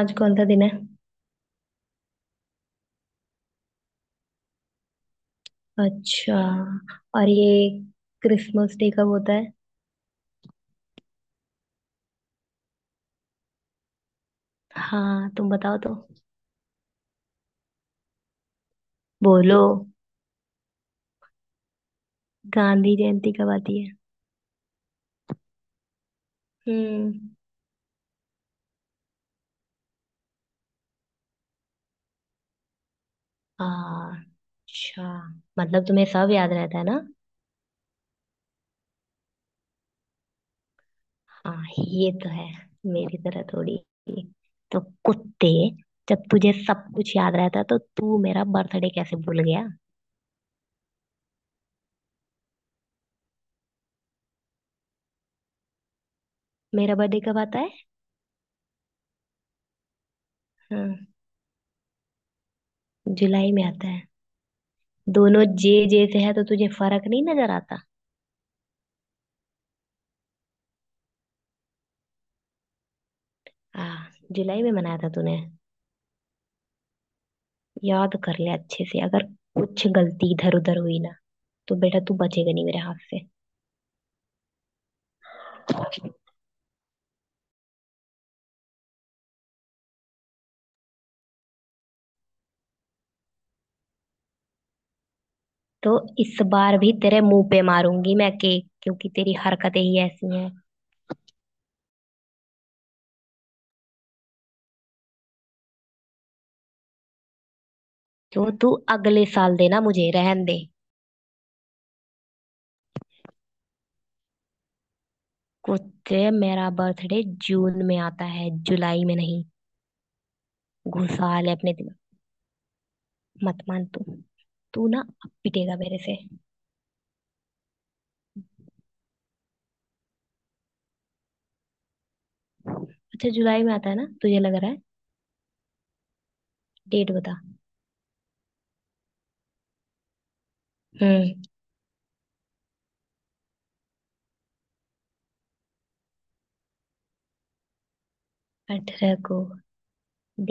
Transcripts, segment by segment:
आज कौन सा दिन है। अच्छा। और ये क्रिसमस डे कब होता है। हाँ, तुम बताओ तो। बोलो। गांधी जयंती कब आती है। हम्म। अच्छा। मतलब तुम्हें सब याद रहता है ना। हाँ, ये तो है। मेरी तरह थोड़ी। तो कुत्ते, जब तुझे सब कुछ याद रहता है तो तू मेरा बर्थडे कैसे भूल गया। मेरा बर्थडे कब आता है। हाँ, जुलाई में आता है। दोनों जे जे से है तो तुझे फर्क नहीं नजर आता। आ, जुलाई में मनाया था तूने। याद कर ले अच्छे से। अगर कुछ गलती इधर उधर हुई ना, तो बेटा तू बचेगा नहीं मेरे हाथ से। तो इस बार भी तेरे मुंह पे मारूंगी मैं केक, क्योंकि तेरी हरकतें ही ऐसी हैं। तो तू अगले साल देना, मुझे रहन दे। कुत्ते, मेरा बर्थडे जून में आता है, जुलाई में नहीं। घुसा ले अपने दिमाग। मत मान तू। तू ना अब पिटेगा मेरे से। अच्छा, जुलाई में आता है ना तुझे लग रहा है। डेट बता। हम्म। 18 को।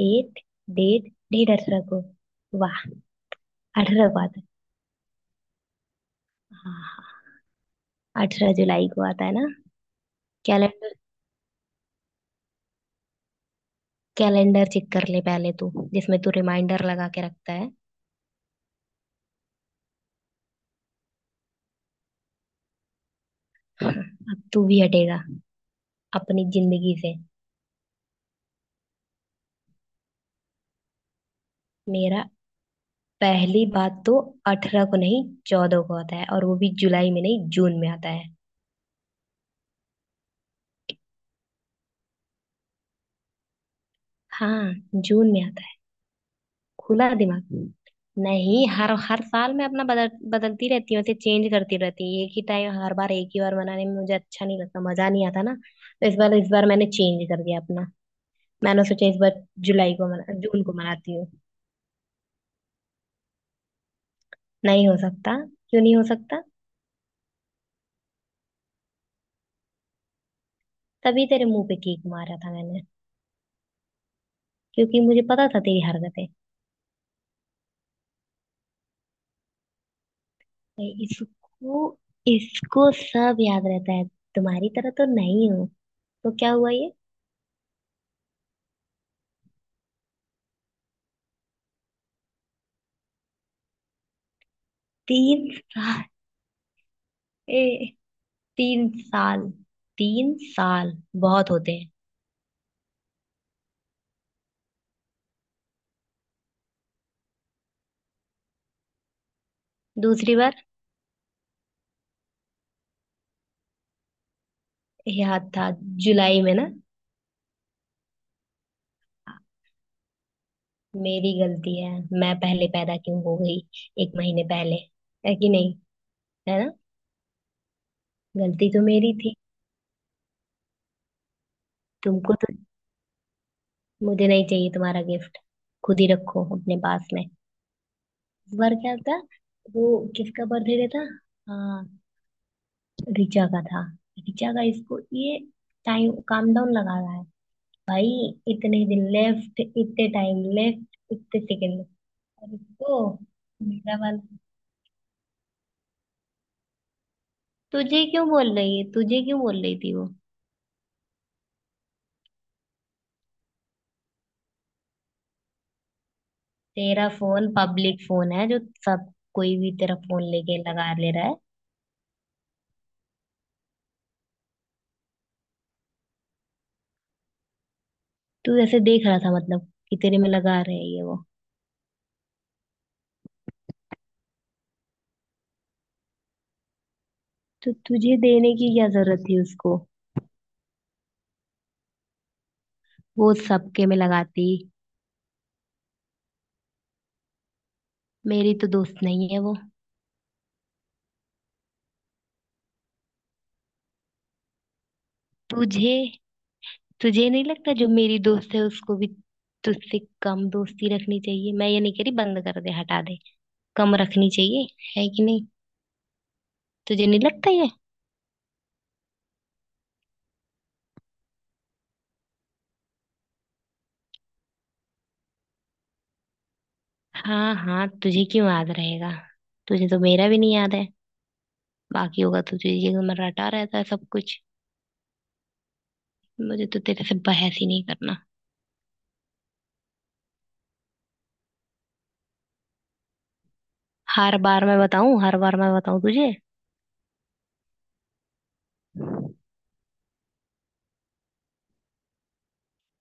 डेट डेट डेट 18 को। वाह। 18 को आता है। हाँ हाँ, 18 जुलाई को आता है ना। कैलेंडर, कैलेंडर चेक कर ले पहले तू, जिसमें तू रिमाइंडर लगा के रखता है। हाँ, अब तू भी हटेगा अपनी जिंदगी से। मेरा, पहली बात तो 18 को नहीं 14 को आता है, और वो भी जुलाई में नहीं जून में आता है। हाँ, जून में आता है। खुला दिमाग। नहीं, हर हर साल मैं अपना बदल, बदलती रहती हूँ, उसे चेंज करती रहती हूँ। एक ही टाइम हर बार, एक ही बार बनाने में मुझे अच्छा नहीं लगता, मजा नहीं आता ना। तो इस बार मैंने चेंज कर दिया अपना। मैंने सोचा इस बार जुलाई को मना, जून को मनाती हूँ। नहीं हो सकता। क्यों नहीं हो सकता। तभी तेरे मुंह पे किक मारा था मैंने, क्योंकि मुझे पता था तेरी हरकतें। नहीं, इसको इसको सब याद रहता है। तुम्हारी तरह तो नहीं हूँ। तो क्या हुआ ये। 3 साल। ए, 3 साल। 3 साल बहुत होते हैं। दूसरी बार। याद था। जुलाई में ना। मेरी गलती है। मैं पहले पैदा क्यों हो गई, 1 महीने पहले। है कि नहीं, है ना। गलती तो मेरी थी, तुमको तो। मुझे नहीं चाहिए तुम्हारा गिफ्ट। खुद ही रखो अपने पास में। इस बार क्या था। वो किसका बर्थडे था। हाँ, ऋचा का था। ऋचा का। इसको ये टाइम काम डाउन लगा रहा है भाई। इतने दिन लेफ्ट, इतने टाइम लेफ्ट, इतने सेकंड। और उसको, मेरा वाला। तुझे क्यों बोल रही है, तुझे क्यों बोल रही थी वो। तेरा फोन पब्लिक फोन है जो सब कोई भी तेरा फोन लेके लगा ले रहा है। तू ऐसे देख रहा था, मतलब कि तेरे में लगा रहे हैं ये वो। तो तुझे देने की क्या जरूरत थी उसको, वो सबके में लगाती। मेरी तो दोस्त नहीं है वो। तुझे तुझे नहीं लगता जो मेरी दोस्त है उसको भी तुझसे कम दोस्ती रखनी चाहिए। मैं ये नहीं कह रही बंद कर दे, हटा दे। कम रखनी चाहिए। है कि नहीं। तुझे नहीं लगता ये। हाँ हाँ, तुझे क्यों याद रहेगा। तुझे तो मेरा भी नहीं याद है, बाकी होगा तो तुझे ये रटा रहता है सब कुछ। मुझे तो तेरे से बहस ही नहीं करना। हर बार मैं बताऊं, हर बार मैं बताऊं तुझे।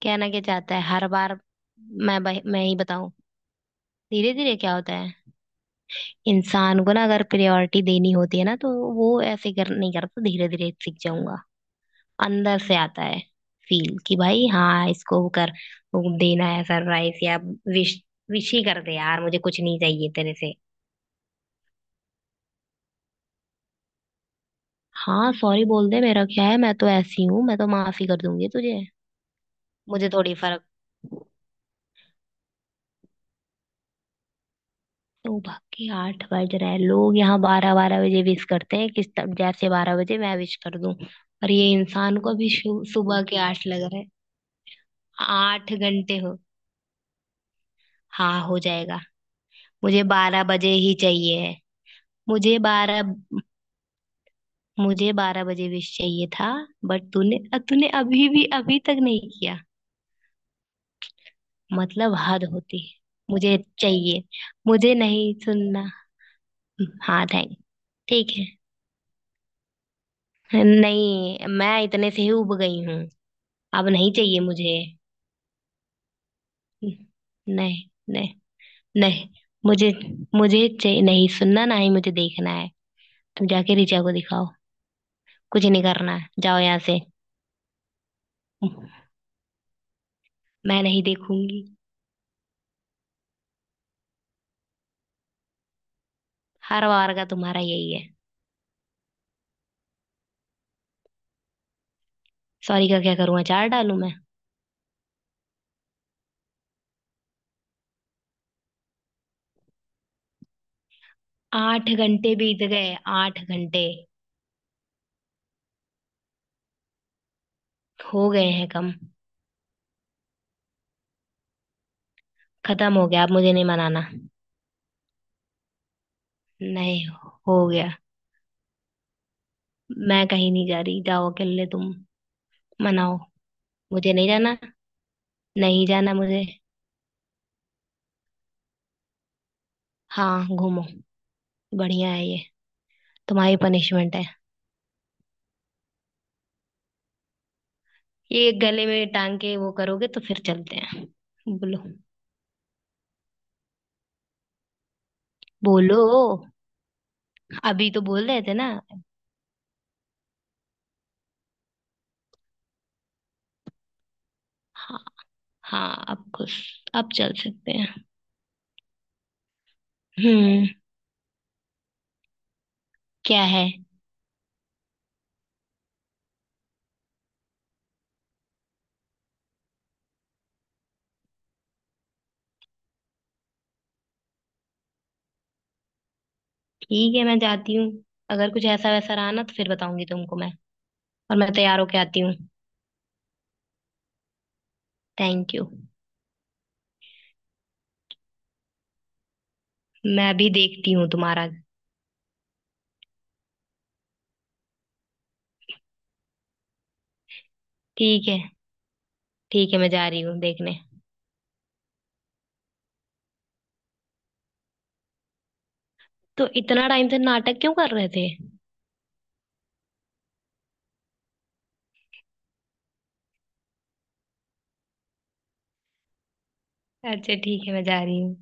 कहना क्या चाहता है हर बार। मैं ही बताऊं। धीरे धीरे क्या होता है। इंसान को ना अगर प्रायोरिटी देनी होती है ना, तो वो ऐसे कर नहीं करता, धीरे धीरे सीख जाऊंगा। अंदर से आता है फील, कि भाई हाँ इसको वो कर, वो देना है सरप्राइज या विश। विश ही कर दे यार, मुझे कुछ नहीं चाहिए तेरे से। हाँ, सॉरी बोल दे, मेरा क्या है। मैं तो ऐसी हूँ, मैं तो माफी कर दूंगी तुझे। मुझे थोड़ी फर्क। तो बाकी 8 बज रहे हैं, लोग यहाँ 12 12 बजे विश करते हैं। किस तरह जैसे 12 बजे मैं विश कर दूं। और ये इंसान को अभी सुबह के 8 लग रहे हैं। आठ घंटे हो। हाँ, हो जाएगा। मुझे 12 बजे ही चाहिए है। मुझे बारह, मुझे 12 बजे विश चाहिए था। बट तूने तूने अभी भी, अभी तक नहीं किया। मतलब हद होती है। मुझे चाहिए। मुझे नहीं सुनना। हाँ, थैंक। ठीक है। नहीं, मैं इतने से ही उब गई हूँ। अब नहीं चाहिए मुझे। नहीं, नहीं, नहीं। मुझे, मुझे चाहिए नहीं सुनना, ना ही मुझे देखना है। तुम जाके रिचा को दिखाओ। कुछ नहीं करना है, जाओ यहाँ से। मैं नहीं देखूंगी। हर बार का तुम्हारा यही है। सॉरी का क्या करूँ, अचार डालूं मैं। आठ घंटे बीत गए, 8 घंटे। हो गए हैं कम। खत्म हो गया, अब मुझे नहीं मनाना। नहीं, हो गया। मैं कहीं नहीं जा रही, जाओ अकेले तुम मनाओ। मुझे नहीं जाना। नहीं जाना मुझे। हाँ, घूमो। बढ़िया है ये, तुम्हारी पनिशमेंट है। ये गले में टांग के वो करोगे तो फिर चलते हैं। बोलो। बोलो, अभी तो बोल रहे थे ना। हाँ, हाँ अब खुश। अब चल सकते हैं। हम्म, क्या है। ठीक है मैं जाती हूँ। अगर कुछ ऐसा वैसा रहा ना, तो फिर बताऊंगी तुमको मैं। और मैं तैयार होके आती हूँ। Thank you. मैं भी देखती हूँ तुम्हारा। ठीक है, ठीक है मैं जा रही हूँ देखने। तो इतना टाइम से नाटक क्यों कर रहे थे। अच्छा, ठीक है मैं जा रही हूँ।